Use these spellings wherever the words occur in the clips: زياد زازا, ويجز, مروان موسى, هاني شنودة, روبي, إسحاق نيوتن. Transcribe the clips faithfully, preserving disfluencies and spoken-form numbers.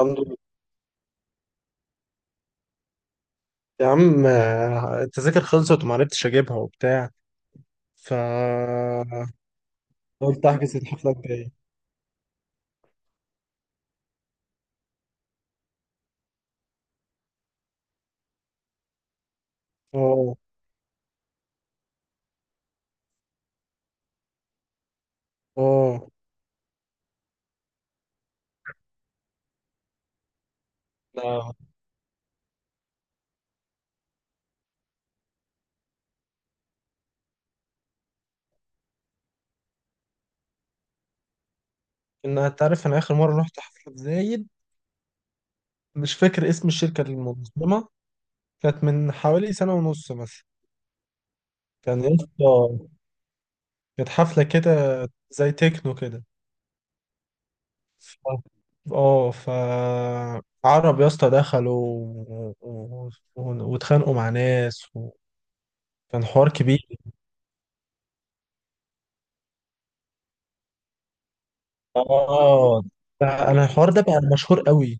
الحمد لله. يا عم، آه، التذاكر خلصت وما عرفتش اجيبها وبتاع. ف قلت احجز الحفله الجايه. اه. اه. لا. ان انت عارف انا اخر مره رحت حفله في زايد. مش فاكر اسم الشركه المنظمه. كانت من حوالي سنه ونص مثلا. كان يا اسطى، كانت حفله كده زي تكنو كده. ف- اه ف عرب يا اسطى دخلوا، و- و- و- واتخانقوا مع ناس، وكان حوار كبير. اه، ده انا الحوار ده بقى مشهور قوي.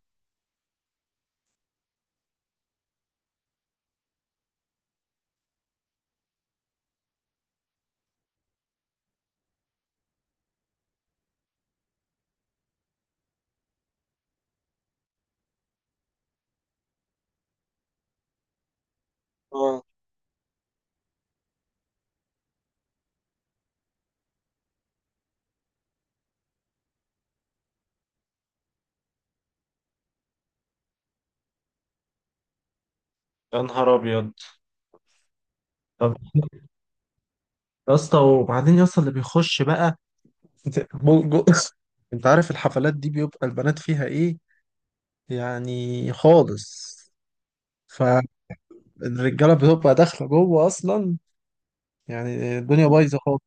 اه، يا نهار ابيض. طب يا اسطى، وبعدين يا اسطى اللي بيخش بقى جو- جو- انت عارف الحفلات دي بيبقى البنات فيها ايه، يعني خالص. فالرجاله بتبقى داخله جوه اصلا. يعني الدنيا بايظه خالص.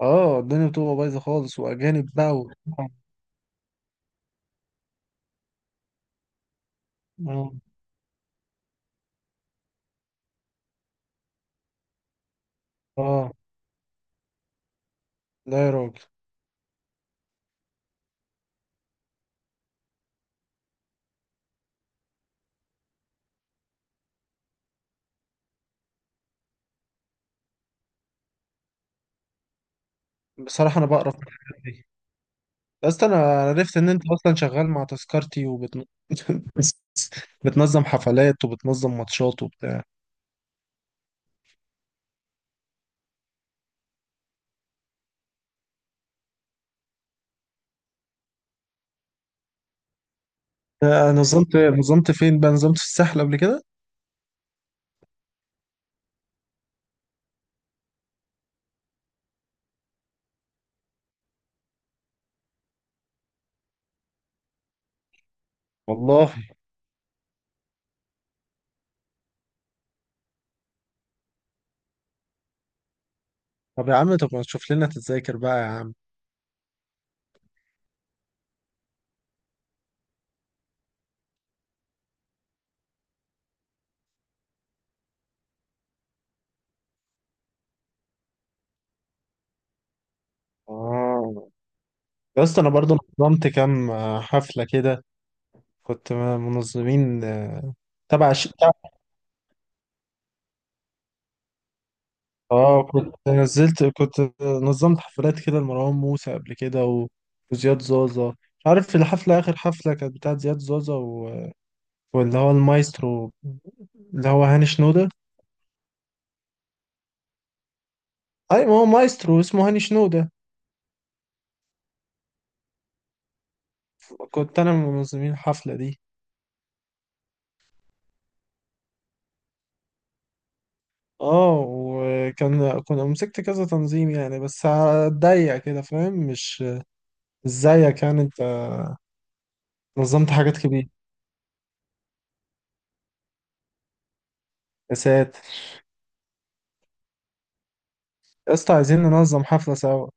اه، الدنيا بتبقى بايظه خالص واجانب بقى و... اه. اه. لا يا راجل. بصراحه انا بقرف من الحاجات دي، بس انا عرفت ان انت اصلا شغال مع تذكرتي، وبتنقذ، بتنظم حفلات وبتنظم ماتشات وبتاع. آه، نظمت نظمت فين بقى؟ نظمت في الساحل قبل كده. والله. طب يا عم، طب ما تشوف لنا تتذاكر بقى يا عم. اه. يا اسطى، انا برضو نظمت كام آه، حفلة كده، كنت منظمين. آه، تبع ش... اه، كنت نزلت كنت نظمت حفلات كده لمروان موسى قبل كده و... وزياد زازا. مش عارف الحفلة، آخر حفلة كانت بتاعت زياد زازا و... واللي هو المايسترو، اللي هو هاني شنودة. اي ما هو مايسترو اسمه هاني شنودة. كنت انا من منظمين الحفلة دي. اه، وكان كنا مسكت كذا تنظيم يعني، بس هتضيق كده، فاهم. مش مش زيك يعني انت. نظمت حاجات كبيرة. يا ساتر. يا اسطى، عايزين ننظم حفلة سوا.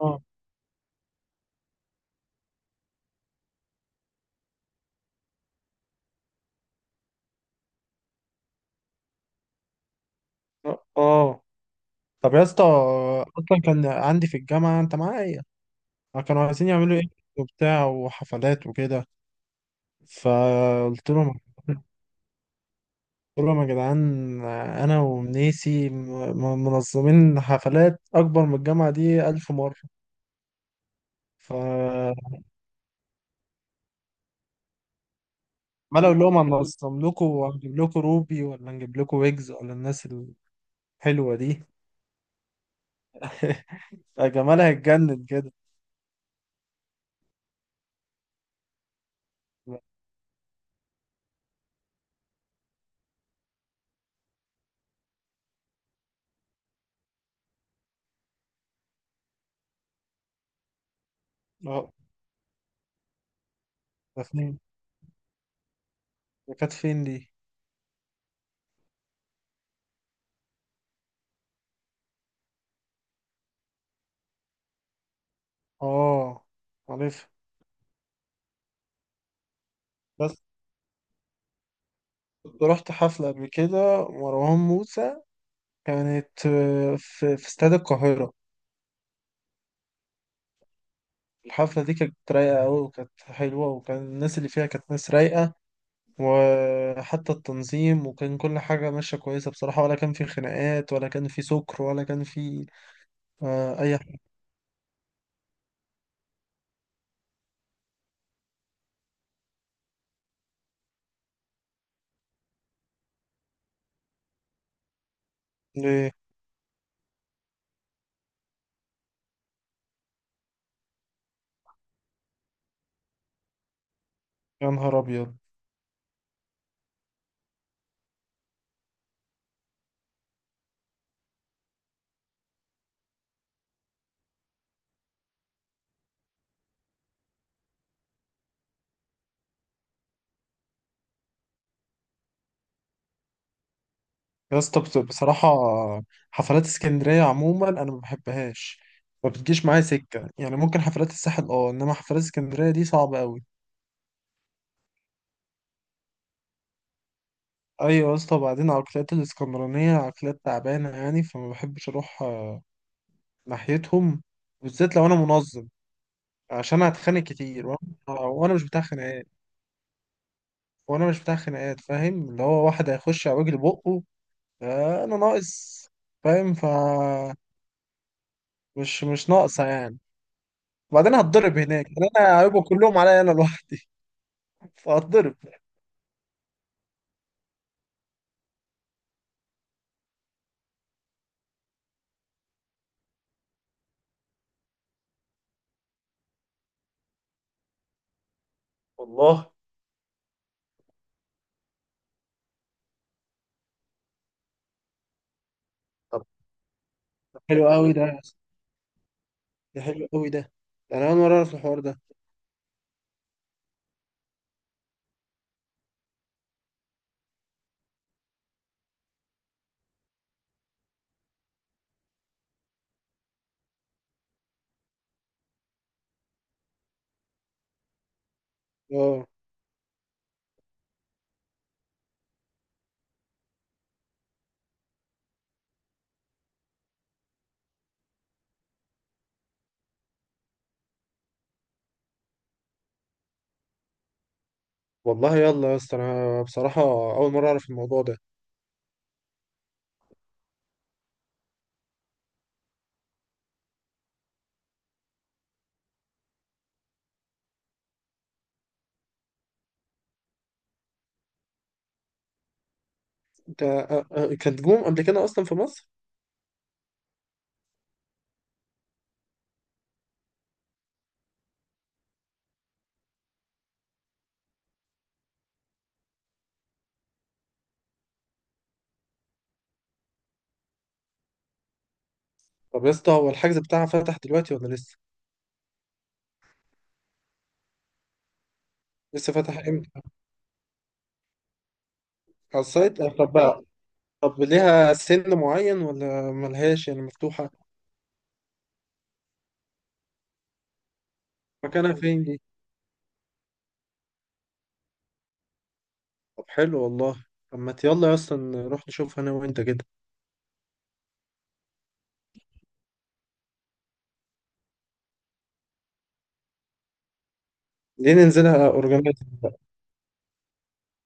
اه. اه. طب يا اسطى، اصلا كان عندي في الجامعة انت معايا، كانوا عايزين يعملوا ايه وبتاع وحفلات وكده. فقلت لهم، قول لهم يا جدعان، انا ومنيسي م- منظمين حفلات اكبر من الجامعه دي الف مره. فعمال اقول لهم هننظم لكم، وهنجيب لكم روبي، ولا هنجيب لكم ويجز، ولا الناس الحلوه دي. يا جمال هيتجنن كده. اه. ده فين؟ ده كانت فين دي؟ اه، عارف. بس كنت رحت حفله قبل كده مروان موسى، كانت آه، في في استاد القاهره. الحفله دي كانت رايقه قوي، وكانت حلوه، وكان الناس اللي فيها كانت ناس رايقه، وحتى التنظيم، وكان كل حاجة ماشية كويسة بصراحة، ولا كان في خناقات، ولا كان في سكر، ولا كان في آه، أي حاجة. ليه؟ يا نهار أبيض. يا اسطى، بس- بصراحة، حفلات اسكندرية عموما أنا ما بحبهاش، ما بتجيش معايا سكة. يعني ممكن حفلات الساحل اه، إنما حفلات اسكندرية دي صعبة أوي. أيوة يا اسطى، وبعدين عقليات الإسكندرانية عقليات تعبانة يعني، فما بحبش أروح آه، ناحيتهم، بالذات لو أنا منظم. عشان هتخانق كتير، وأنا وأنا مش بتاع خناقات. وانا مش بتاع خناقات، فاهم؟ اللي هو واحد هيخش على وجه بقه، آه، انا ناقص؟ فاهم. ف مش مش ناقصه يعني. وبعدين هتضرب هناك يعني، انا هيبقوا كلهم عليا انا لوحدي. فهتضرب. والله. طب حلو قوي ده يا اسطى. ده حلو قوي ده. ده انا اول مره اعرف الحوار ده. اه. والله، يلا يا اسطى، انا بصراحه اول مره اعرف الموضوع ده. انت آه، آه، كانت جوم قبل كده اصلا في مصر؟ طب يا اسطى، هو الحجز بتاعها فتح دلوقتي ولا لسه؟ لسه فتح امتى؟ على السايت آه، طب. طب ليها سن معين ولا ملهاش، يعني مفتوحة؟ مكانها فين دي؟ طب حلو والله. طب ما يلا اصلا نروح نشوفها انا وانت كده. ليه ننزلها اورجنايزنج بقى،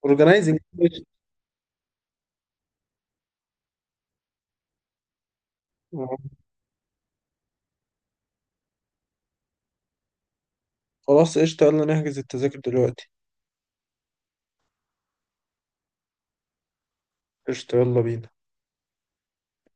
اورجنايزنج. خلاص قشطة، يلا نحجز التذاكر دلوقتي. قشطة يلا بينا.